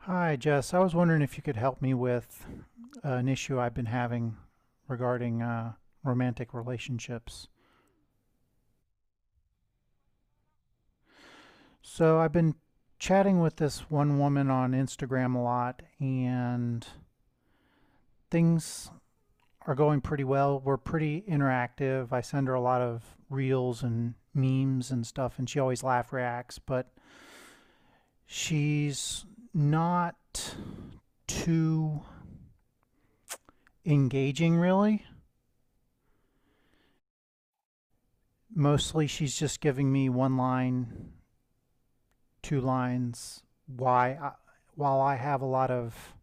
Hi, Jess. I was wondering if you could help me with an issue I've been having regarding romantic relationships. So, I've been chatting with this one woman on Instagram a lot, and things are going pretty well. We're pretty interactive. I send her a lot of reels and memes and stuff, and she always laugh reacts, but she's not too engaging, really. Mostly, she's just giving me one line two lines while I have a lot of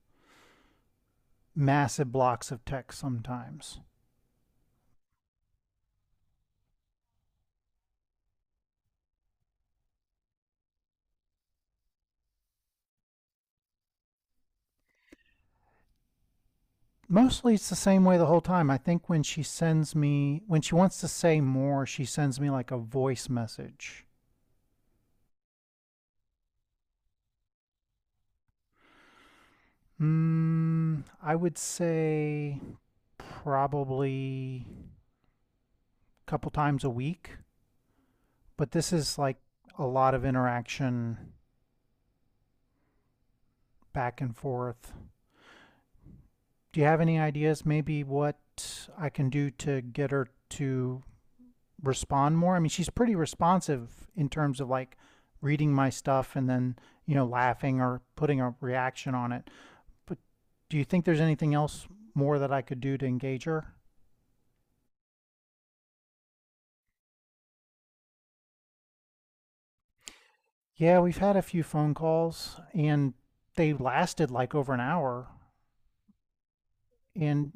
massive blocks of text sometimes. Mostly it's the same way the whole time. I think when she wants to say more, she sends me like a voice message. I would say probably a couple times a week, but this is like a lot of interaction back and forth. Do you have any ideas maybe what I can do to get her to respond more? I mean, she's pretty responsive in terms of like reading my stuff and then, laughing or putting a reaction on it. But do you think there's anything else more that I could do to engage her? Yeah, we've had a few phone calls and they lasted like over an hour. And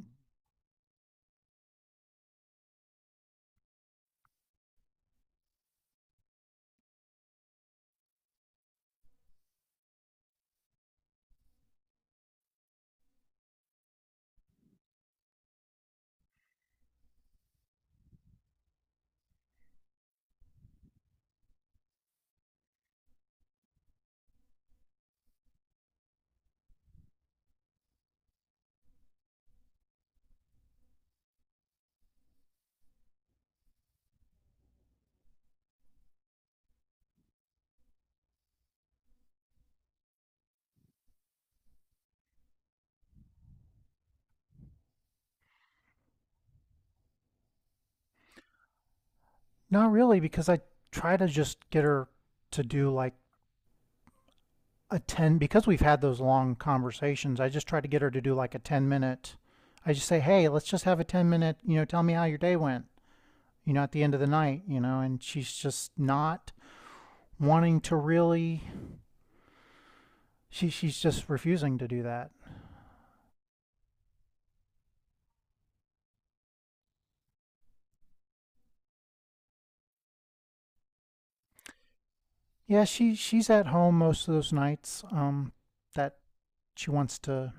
not really, because I try to just get her to do like a 10, because we've had those long conversations. I just try to get her to do like a 10 minute. I just say, "Hey, let's just have a 10 minute, tell me how your day went." You know, at the end of the night, you know, and she's just not wanting to really, she's just refusing to do that. Yeah, she's at home most of those nights, um, that she wants to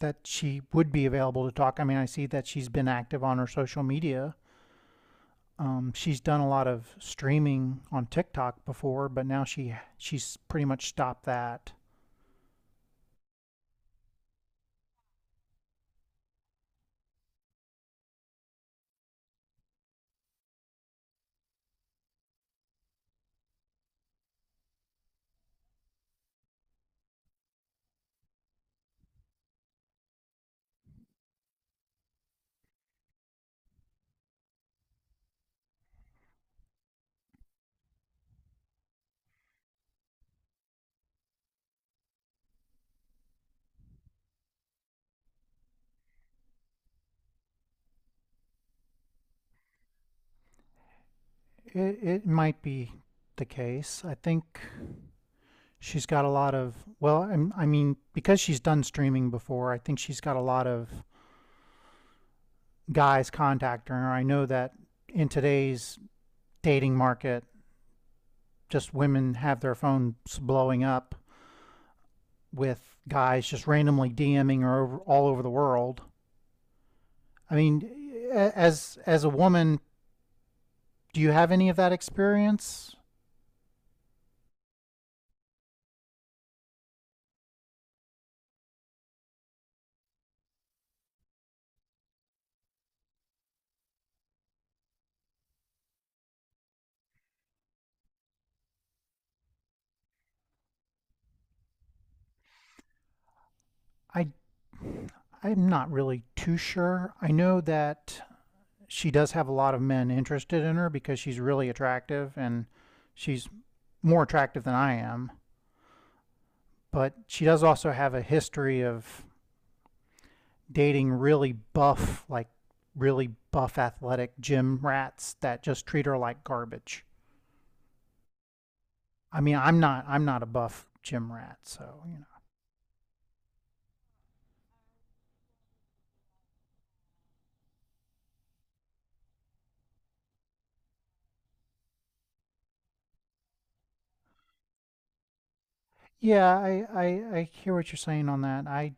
that she would be available to talk. I mean, I see that she's been active on her social media. She's done a lot of streaming on TikTok before, but now she's pretty much stopped that. It might be the case. I think she's got a lot of, well, I mean, because she's done streaming before, I think she's got a lot of guys contacting her. I know that in today's dating market, just women have their phones blowing up with guys just randomly DMing her over, all over the world. I mean, as a woman, do you have any of that experience? I i'm not really too sure. I know that she does have a lot of men interested in her because she's really attractive, and she's more attractive than I am. But she does also have a history of dating really buff, like really buff athletic gym rats that just treat her like garbage. I mean, I'm not a buff gym rat, so you know. Yeah, I hear what you're saying on that. I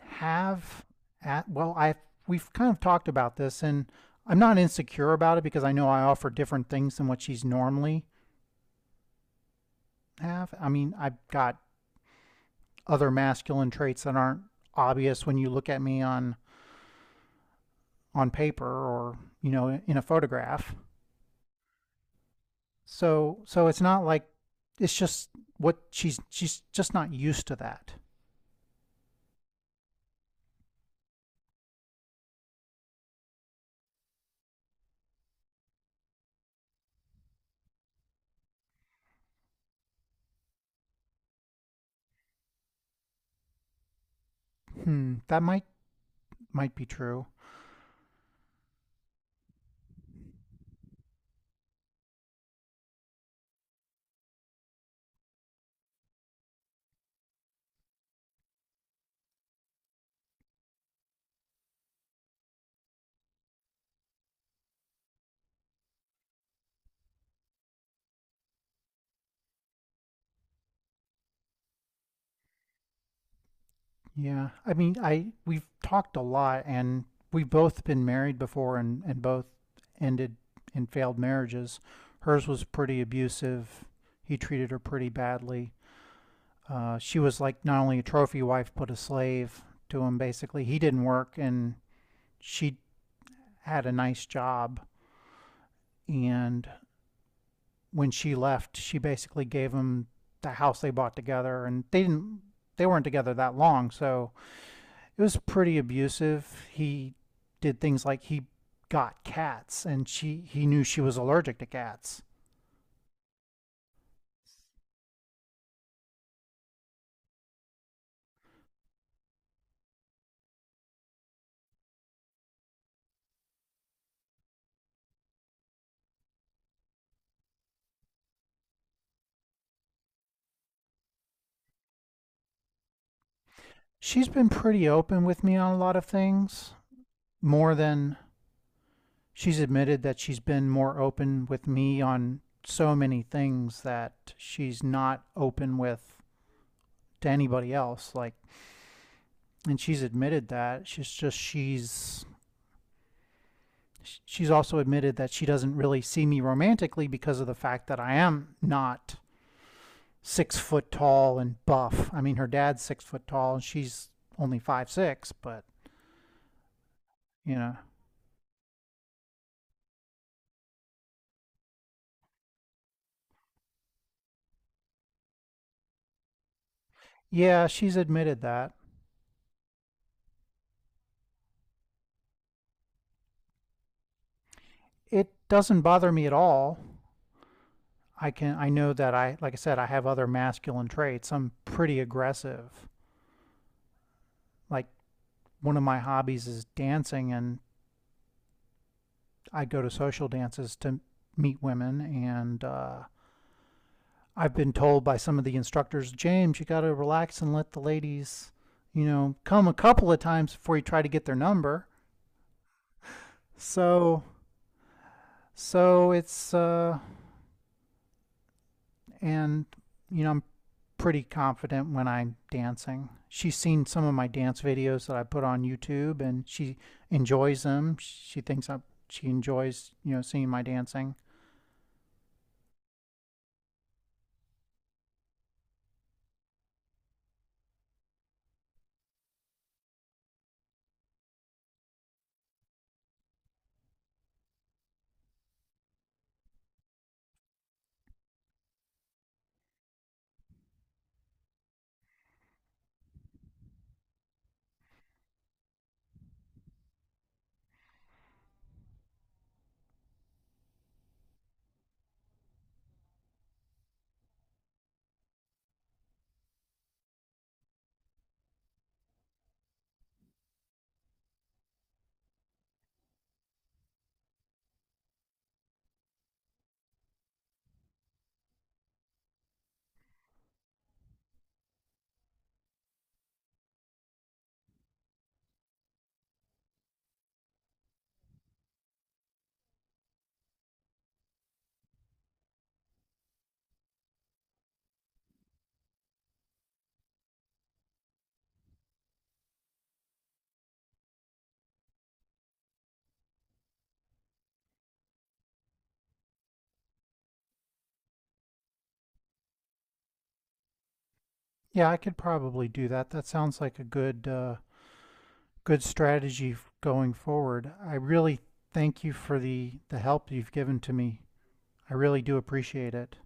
have at well I We've kind of talked about this, and I'm not insecure about it because I know I offer different things than what she's normally have. I mean, I've got other masculine traits that aren't obvious when you look at me on paper, or you know, in a photograph. So it's not like it's just what she's just not used to that. Hmm, that might be true. Yeah. I mean, I we've talked a lot, and we've both been married before and both ended in failed marriages. Hers was pretty abusive. He treated her pretty badly. She was like not only a trophy wife, but a slave to him, basically. He didn't work, and she had a nice job. And when she left, she basically gave him the house they bought together. And they weren't together that long. So it was pretty abusive. He did things like he got cats, and she he knew she was allergic to cats. She's been pretty open with me on a lot of things, more than she's admitted that she's been more open with me on so many things that she's not open with to anybody else, like, and she's admitted that she's also admitted that she doesn't really see me romantically because of the fact that I am not 6 foot tall and buff. I mean, her dad's 6 foot tall and she's only 5'6", but you know, yeah, she's admitted that. It doesn't bother me at all. I know that I like I said, I have other masculine traits. I'm pretty aggressive. Like, one of my hobbies is dancing, and I go to social dances to meet women. And I've been told by some of the instructors, "James, you got to relax and let the ladies, you know, come a couple of times before you try to get their number." So so it's and you know, I'm pretty confident when I'm dancing. She's seen some of my dance videos that I put on YouTube, and she enjoys them. She thinks I She enjoys, you know, seeing my dancing. Yeah, I could probably do that. That sounds like a good good strategy going forward. I really thank you for the help you've given to me. I really do appreciate it.